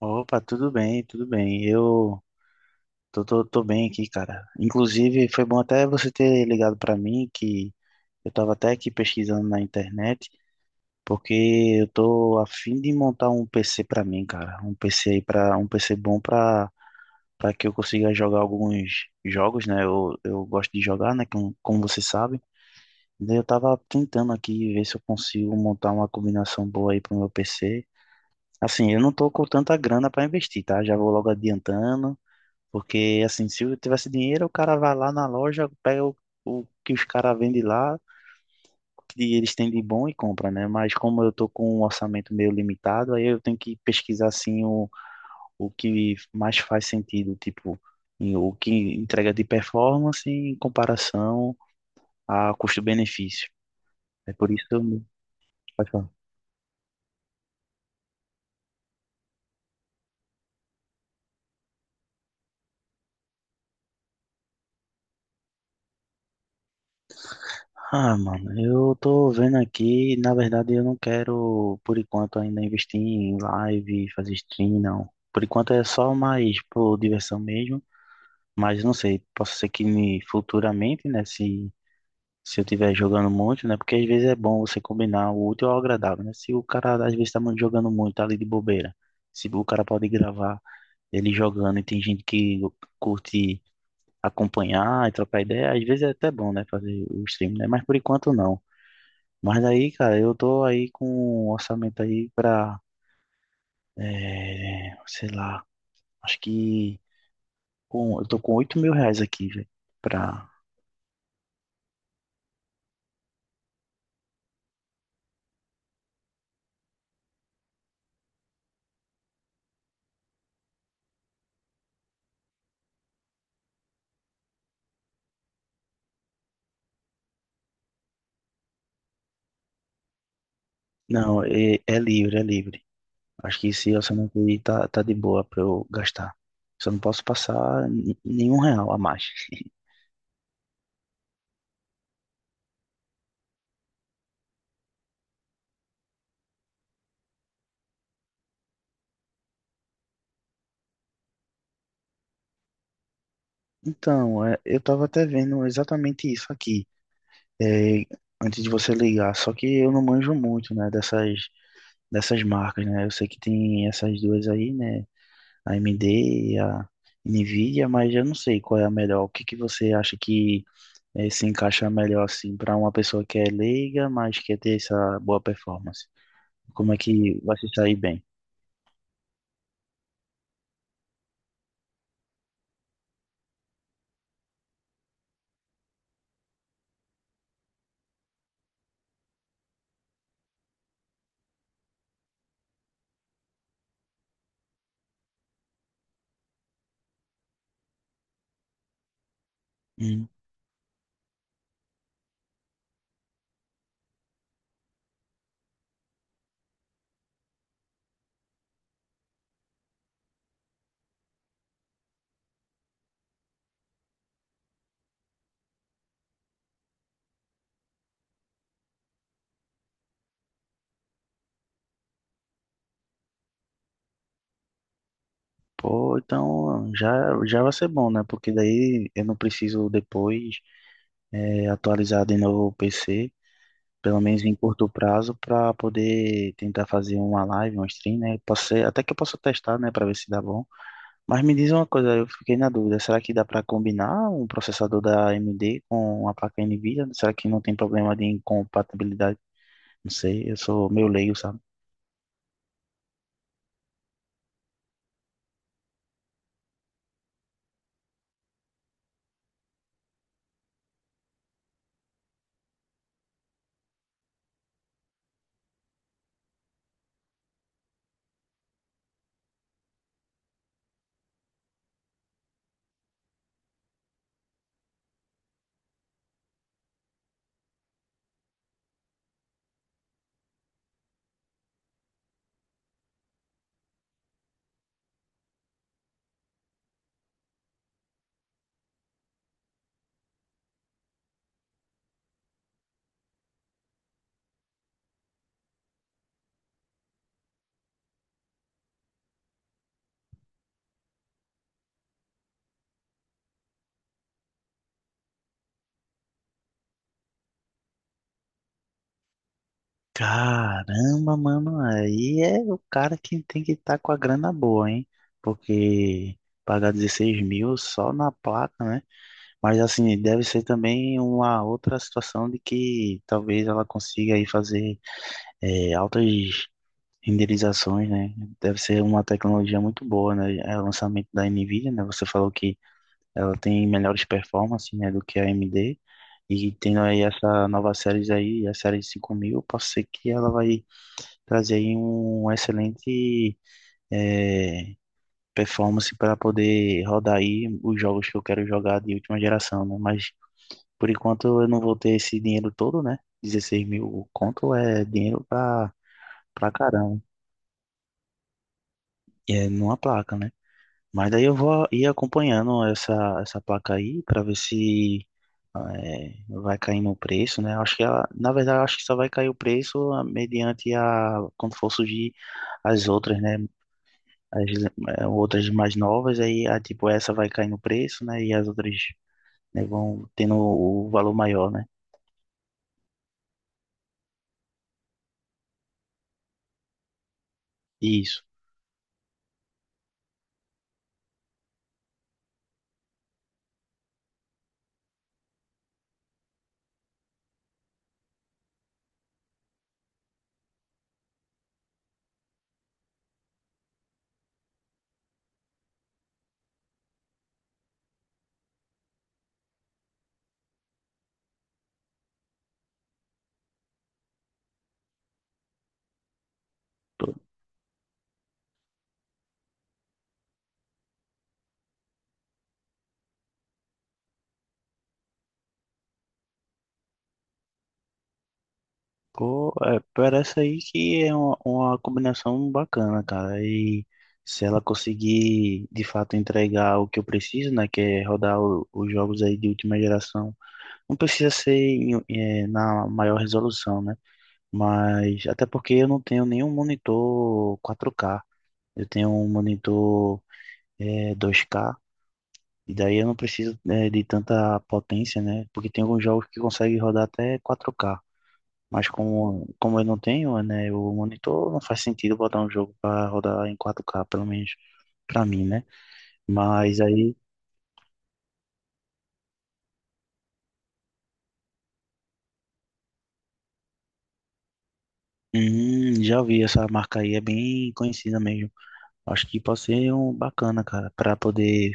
Opa, tudo bem, tudo bem. Eu tô bem aqui, cara. Inclusive, foi bom até você ter ligado pra mim, que eu tava até aqui pesquisando na internet, porque eu tô a fim de montar um PC pra mim, cara. Um PC aí para um PC bom pra para que eu consiga jogar alguns jogos, né? Eu gosto de jogar, né? Como você sabe. Daí eu tava tentando aqui ver se eu consigo montar uma combinação boa aí pro meu PC. Assim, eu não tô com tanta grana pra investir, tá? Já vou logo adiantando. Porque, assim, se eu tivesse dinheiro, o cara vai lá na loja, pega o que os caras vendem lá, que eles têm de bom e compra, né? Mas como eu tô com um orçamento meio limitado, aí eu tenho que pesquisar, assim, o que mais faz sentido, tipo, o que entrega de performance em comparação a custo-benefício. É por isso que eu... Ah, mano, eu tô vendo aqui, na verdade eu não quero, por enquanto, ainda investir em live, fazer stream, não. Por enquanto é só mais por diversão mesmo, mas não sei, posso ser que me, futuramente, né, se eu tiver jogando muito, né, porque às vezes é bom você combinar o útil ao agradável, né, se o cara às vezes tá muito jogando muito, tá ali de bobeira, se o cara pode gravar ele jogando e tem gente que curte acompanhar e trocar ideia, às vezes é até bom, né, fazer o stream, né, mas por enquanto não. Mas aí, cara, eu tô aí com um orçamento aí pra, é, sei lá, acho que com, eu tô com R$ 8.000 aqui, velho, pra... Não, é, é livre, é livre. Acho que esse orçamento aí tá, tá de boa pra eu gastar. Só não posso passar nenhum real a mais. Então, é, eu tava até vendo exatamente isso aqui, é, antes de você ligar, só que eu não manjo muito, né, dessas marcas, né? Eu sei que tem essas duas aí, né? A AMD e a Nvidia, mas eu não sei qual é a melhor. O que que você acha que se encaixa melhor assim para uma pessoa que é leiga, mas quer ter essa boa performance? Como é que vai se sair bem? Hum. Pô, então já, já vai ser bom, né? Porque daí eu não preciso depois atualizar de novo o PC, pelo menos em curto prazo, para poder tentar fazer uma live, um stream, né? Até que eu possa testar, né, para ver se dá bom. Mas me diz uma coisa, eu fiquei na dúvida, será que dá para combinar um processador da AMD com a placa NVIDIA? Será que não tem problema de incompatibilidade? Não sei, eu sou meio leigo, sabe? Caramba, mano, aí é o cara que tem que estar com a grana boa, hein? Porque pagar 16 mil só na placa, né? Mas assim, deve ser também uma outra situação de que talvez ela consiga aí fazer altas renderizações, né? Deve ser uma tecnologia muito boa, né? É o lançamento da Nvidia, né? Você falou que ela tem melhores performances, né, do que a AMD. E tendo aí essa nova série aí, a série 5000, posso ser que ela vai trazer aí um excelente eh, performance para poder rodar aí os jogos que eu quero jogar de última geração, né? Mas por enquanto eu não vou ter esse dinheiro todo, né? 16 mil conto é dinheiro pra caramba. E é numa placa, né? Mas daí eu vou ir acompanhando essa placa aí para ver se vai caindo o preço, né? Acho que ela, na verdade, eu acho que só vai cair o preço mediante a quando for surgir as outras, né? As outras mais novas, aí a, tipo essa vai cair no preço, né? E as outras né, vão tendo o valor maior, né? Isso. Pô, é, parece aí que é uma combinação bacana, cara. E se ela conseguir de fato entregar o que eu preciso, né, que é rodar os jogos aí de última geração, não precisa ser na maior resolução, né? Mas até porque eu não tenho nenhum monitor 4K, eu tenho um monitor 2K. E daí eu não preciso de tanta potência, né? Porque tem alguns jogos que conseguem rodar até 4K. Mas como eu não tenho, né, o monitor não faz sentido botar um jogo para rodar em 4K pelo menos para mim, né? Mas aí, já vi essa marca aí, é bem conhecida mesmo. Acho que pode ser um bacana, cara, para poder.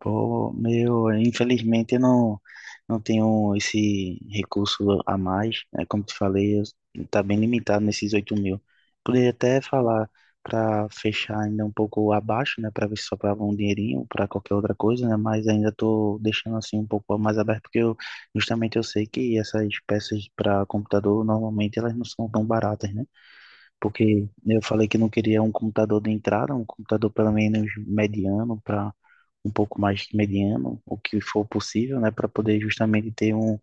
Pô, meu, infelizmente eu não tenho esse recurso a mais, né? Como te falei, tá bem limitado nesses 8 mil. Poderia até falar para fechar ainda um pouco abaixo, né? Para ver se sobrava um dinheirinho para qualquer outra coisa, né? Mas ainda tô deixando assim um pouco mais aberto, porque justamente eu sei que essas peças para computador normalmente elas não são tão baratas, né? Porque eu falei que não queria um computador de entrada, um computador pelo menos mediano um pouco mais mediano, o que for possível, né, para poder justamente ter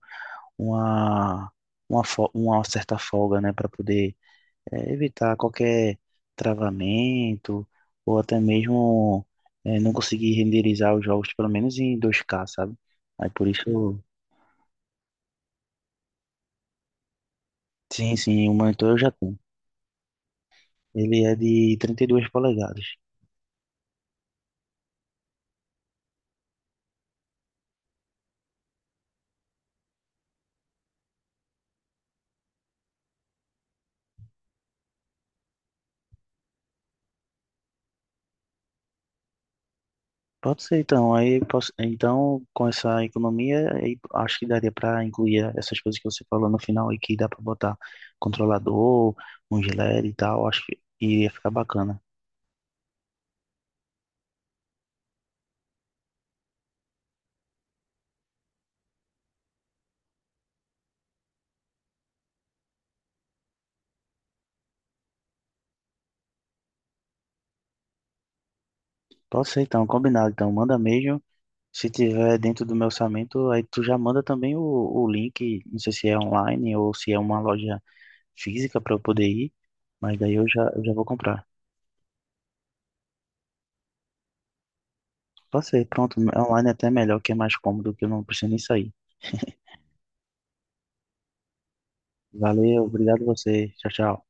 uma, uma, uma certa folga, né, para poder evitar qualquer travamento ou até mesmo não conseguir renderizar os jogos, pelo menos em 2K, sabe? Aí por isso, sim, sim, o monitor eu já tenho. Ele é de 32 polegadas. Pode ser então, aí posso, então com essa economia, aí acho que daria para incluir essas coisas que você falou no final aí que dá para botar controlador, um gilete e tal, acho que iria ficar bacana. Pode ser então, combinado então, manda mesmo. Se tiver dentro do meu orçamento, aí tu já manda também o link, não sei se é online ou se é uma loja física para eu poder ir, mas daí eu já vou comprar. Pode ser, pronto, online é até melhor, que é mais cômodo, que eu não preciso nem sair. Valeu, obrigado a você, tchau, tchau.